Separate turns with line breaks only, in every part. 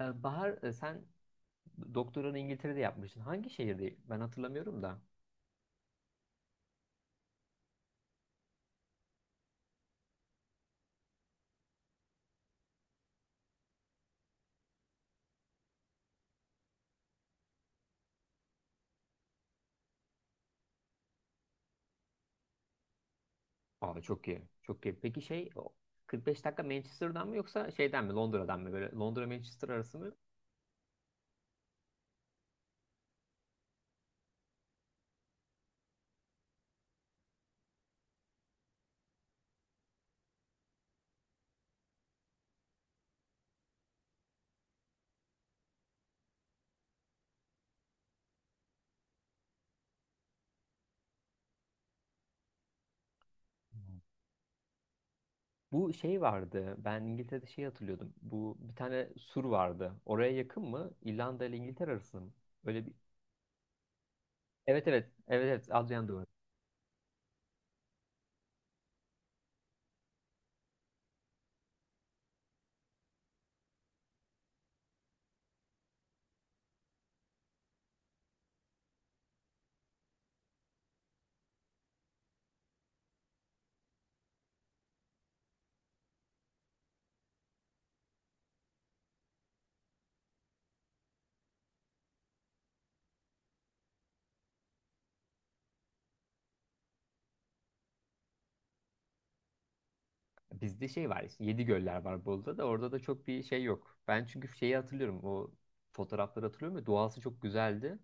Bahar, sen doktoranı İngiltere'de yapmıştın. Hangi şehirde? Ben hatırlamıyorum da. Aa, çok iyi. Çok iyi. Peki şey o 45 dakika Manchester'dan mı yoksa şeyden mi Londra'dan mı, böyle Londra Manchester arası mı? Bu şey vardı. Ben İngiltere'de şey hatırlıyordum. Bu bir tane sur vardı. Oraya yakın mı? İrlanda ile İngiltere arası mı? Öyle bir evet evet. Evet evet. Adrian Duvarı. Bizde şey var. Işte, 7 göller var Bolu'da da, orada da çok bir şey yok. Ben çünkü şeyi hatırlıyorum. O fotoğrafları hatırlıyorum ya, doğası çok güzeldi.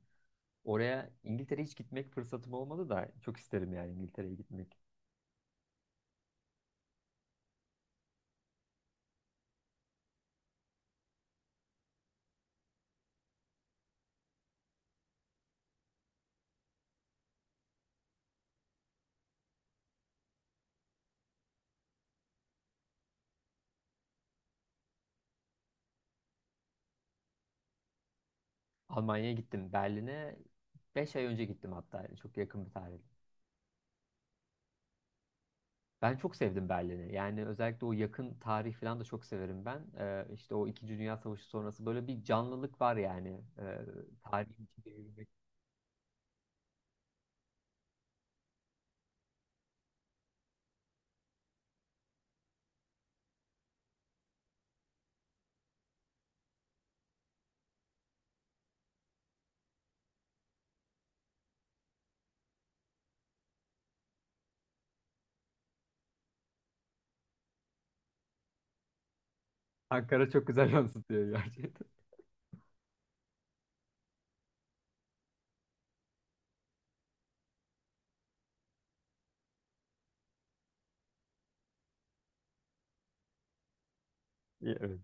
Oraya, İngiltere'ye hiç gitmek fırsatım olmadı da, çok isterim yani İngiltere'ye gitmek. Almanya'ya gittim. Berlin'e 5 ay önce gittim hatta. Yani çok yakın bir tarih. Ben çok sevdim Berlin'i. Yani özellikle o yakın tarih falan da çok severim ben. İşte o İkinci Dünya Savaşı sonrası böyle bir canlılık var yani. Tarihin içinde yürümek. Ankara çok güzel yansıtıyor gerçekten. Evet.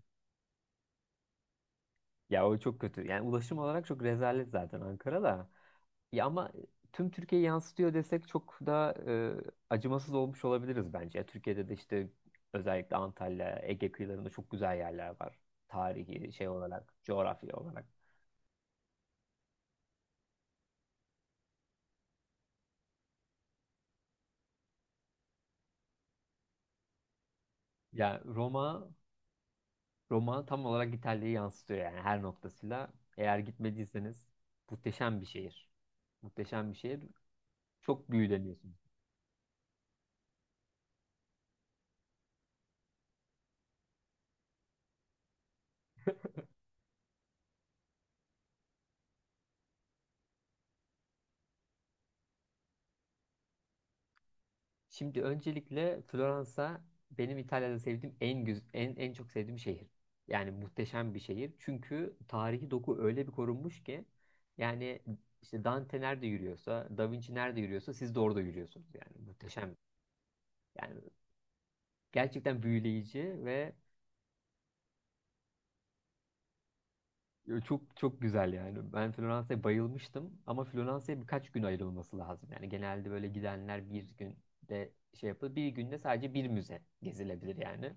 Ya o çok kötü. Yani ulaşım olarak çok rezalet zaten Ankara'da. Ya ama tüm Türkiye'yi yansıtıyor desek çok da acımasız olmuş olabiliriz bence. Türkiye'de de işte özellikle Antalya, Ege kıyılarında çok güzel yerler var. Tarihi şey olarak, coğrafya olarak. Ya Roma, Roma tam olarak İtalya'yı yansıtıyor yani her noktasıyla. Eğer gitmediyseniz muhteşem bir şehir. Muhteşem bir şehir. Çok büyüleniyorsunuz. Şimdi öncelikle Floransa benim İtalya'da sevdiğim en güz en en çok sevdiğim şehir. Yani muhteşem bir şehir. Çünkü tarihi doku öyle bir korunmuş ki, yani işte Dante nerede yürüyorsa, Da Vinci nerede yürüyorsa siz de orada yürüyorsunuz yani. Muhteşem. Yani gerçekten büyüleyici ve çok çok güzel yani. Ben Floransa'ya bayılmıştım ama Floransa'ya birkaç gün ayrılması lazım. Yani genelde böyle gidenler bir günde şey yapıyor. Bir günde sadece bir müze gezilebilir yani.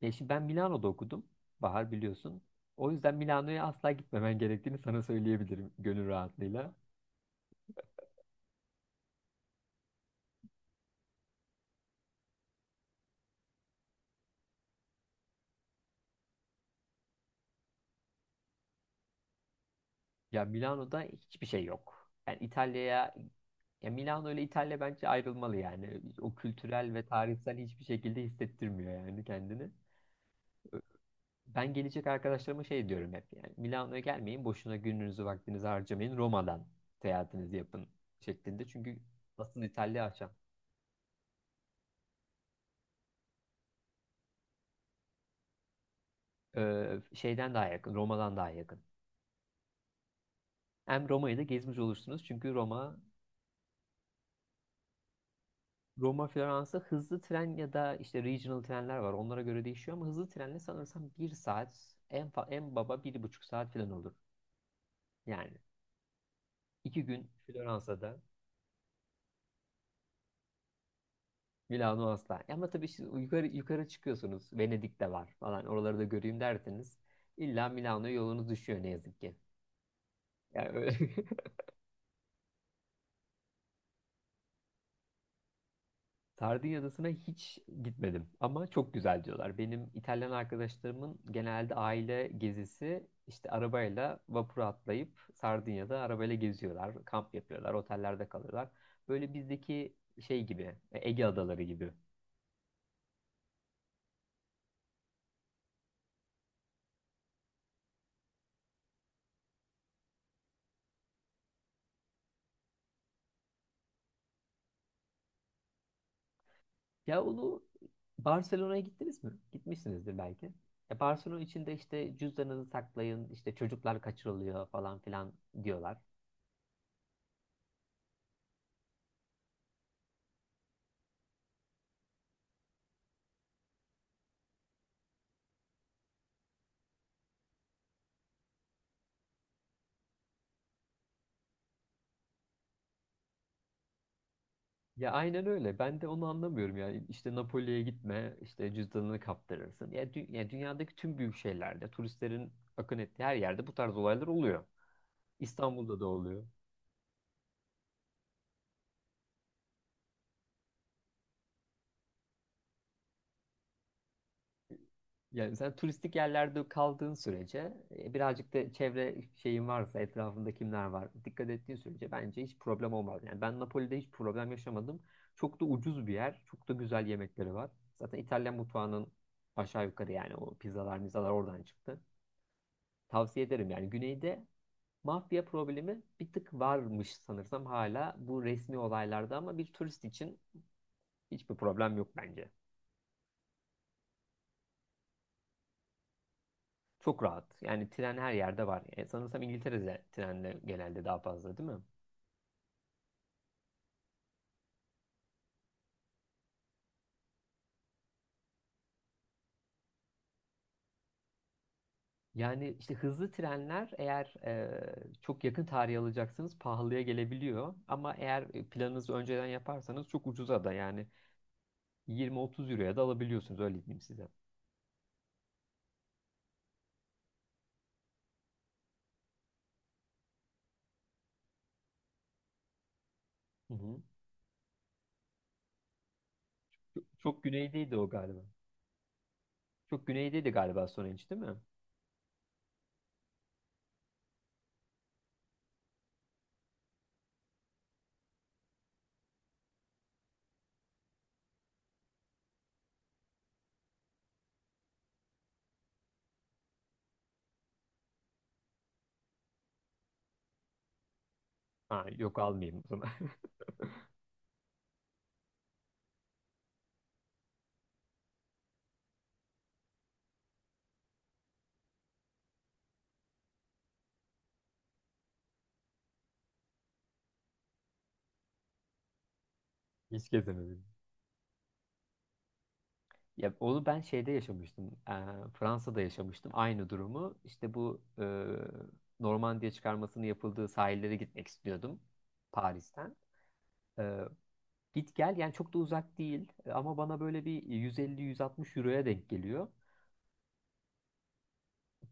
Ya şimdi ben Milano'da okudum. Bahar biliyorsun. O yüzden Milano'ya asla gitmemen gerektiğini sana söyleyebilirim gönül rahatlığıyla. Ya Milano'da hiçbir şey yok. Yani İtalya'ya, ya Milano ile İtalya bence ayrılmalı yani. O kültürel ve tarihsel hiçbir şekilde hissettirmiyor yani kendini. Ben gelecek arkadaşlarıma şey diyorum hep yani. Milano'ya gelmeyin, boşuna gününüzü vaktinizi harcamayın. Roma'dan seyahatinizi yapın şeklinde. Çünkü asıl İtalya akşam. Şeyden daha yakın, Roma'dan daha yakın. Hem Roma'yı da gezmiş olursunuz. Çünkü Roma, Roma, Floransa hızlı tren ya da işte regional trenler var. Onlara göre değişiyor ama hızlı trenle sanırsam bir saat, en baba bir buçuk saat falan olur. Yani iki gün Floransa'da, Milano asla. Ama tabii şimdi yukarı, yukarı çıkıyorsunuz. Venedik de var falan. Oraları da göreyim derseniz illa Milano'ya yolunuz düşüyor ne yazık ki. Yani öyle. Sardinya Adası'na hiç gitmedim ama çok güzel diyorlar. Benim İtalyan arkadaşlarımın genelde aile gezisi, işte arabayla vapura atlayıp Sardinya'da arabayla geziyorlar, kamp yapıyorlar, otellerde kalıyorlar. Böyle bizdeki şey gibi, Ege adaları gibi. Ya onu, Barcelona'ya gittiniz mi? Gitmişsinizdir belki. Ya Barcelona içinde işte cüzdanınızı saklayın, işte çocuklar kaçırılıyor falan filan diyorlar. Ya aynen öyle. Ben de onu anlamıyorum yani. İşte Napoli'ye gitme, işte cüzdanını kaptırırsın. Ya, ya dünyadaki tüm büyük şehirlerde, turistlerin akın ettiği her yerde bu tarz olaylar oluyor. İstanbul'da da oluyor. Yani sen turistik yerlerde kaldığın sürece, birazcık da çevre şeyin varsa, etrafında kimler var, dikkat ettiğin sürece bence hiç problem olmaz. Yani ben Napoli'de hiç problem yaşamadım. Çok da ucuz bir yer, çok da güzel yemekleri var. Zaten İtalyan mutfağının aşağı yukarı yani o pizzalar, mizalar oradan çıktı. Tavsiye ederim yani güneyde. Mafya problemi bir tık varmış sanırsam hala, bu resmi olaylarda ama bir turist için hiçbir problem yok bence. Çok rahat. Yani tren her yerde var. Sanırsam İngiltere'de trenle genelde daha fazla, değil mi? Yani işte hızlı trenler eğer çok yakın tarih alacaksanız pahalıya gelebiliyor. Ama eğer planınızı önceden yaparsanız çok ucuza da, yani 20-30 euroya da alabiliyorsunuz, öyle diyeyim size. Hı hı. Çok, çok güneydeydi o galiba. Çok güneydeydi galiba Stonehenge, değil mi? Ha, yok almayayım o zaman. Hiç gezemedim. Ya onu ben şeyde yaşamıştım. Fransa'da yaşamıştım aynı durumu. İşte bu Normandiya çıkarmasının yapıldığı sahillere gitmek istiyordum Paris'ten. Ee, Git gel yani çok da uzak değil. Ama bana böyle bir 150-160 euroya denk geliyor.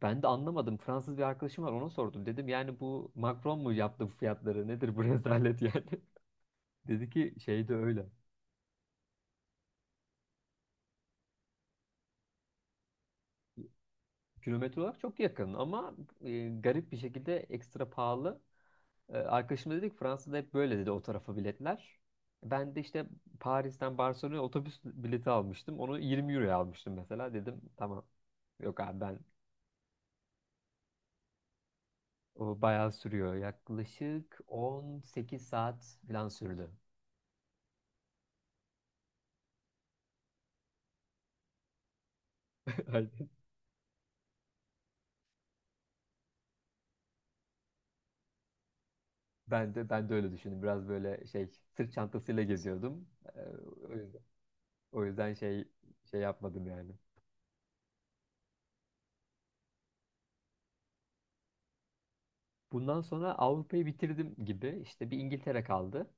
Ben de anlamadım. Fransız bir arkadaşım var, ona sordum. Dedim yani bu Macron mu yaptı bu fiyatları? Nedir bu rezalet yani? Dedi ki şey de öyle. Kilometre olarak çok yakın ama garip bir şekilde ekstra pahalı. Arkadaşım da dedi ki Fransa'da hep böyle, dedi, o tarafa biletler. Ben de işte Paris'ten Barcelona'ya otobüs bileti almıştım. Onu 20 euroya almıştım mesela. Dedim tamam. Yok abi ben, o bayağı sürüyor. Yaklaşık 18 saat falan sürdü. Aynen. Ben de öyle düşündüm. Biraz böyle şey, sırt çantasıyla geziyordum. Ee, O yüzden, o yüzden şey, şey yapmadım yani. Bundan sonra Avrupa'yı bitirdim gibi. İşte bir İngiltere kaldı.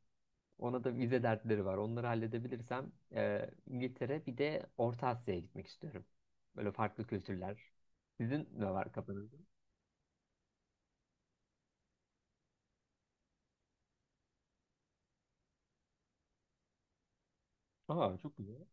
Ona da vize dertleri var. Onları halledebilirsem İngiltere, bir de Orta Asya'ya gitmek istiyorum. Böyle farklı kültürler. Sizin ne var kafanızda? Aa, çok güzel.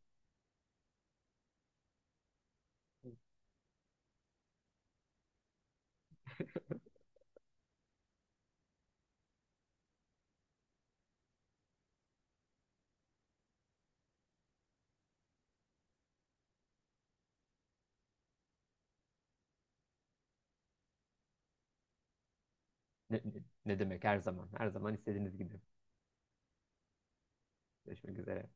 Ne, ne, ne demek, her zaman. Her zaman istediğiniz gibi. Görüşmek üzere.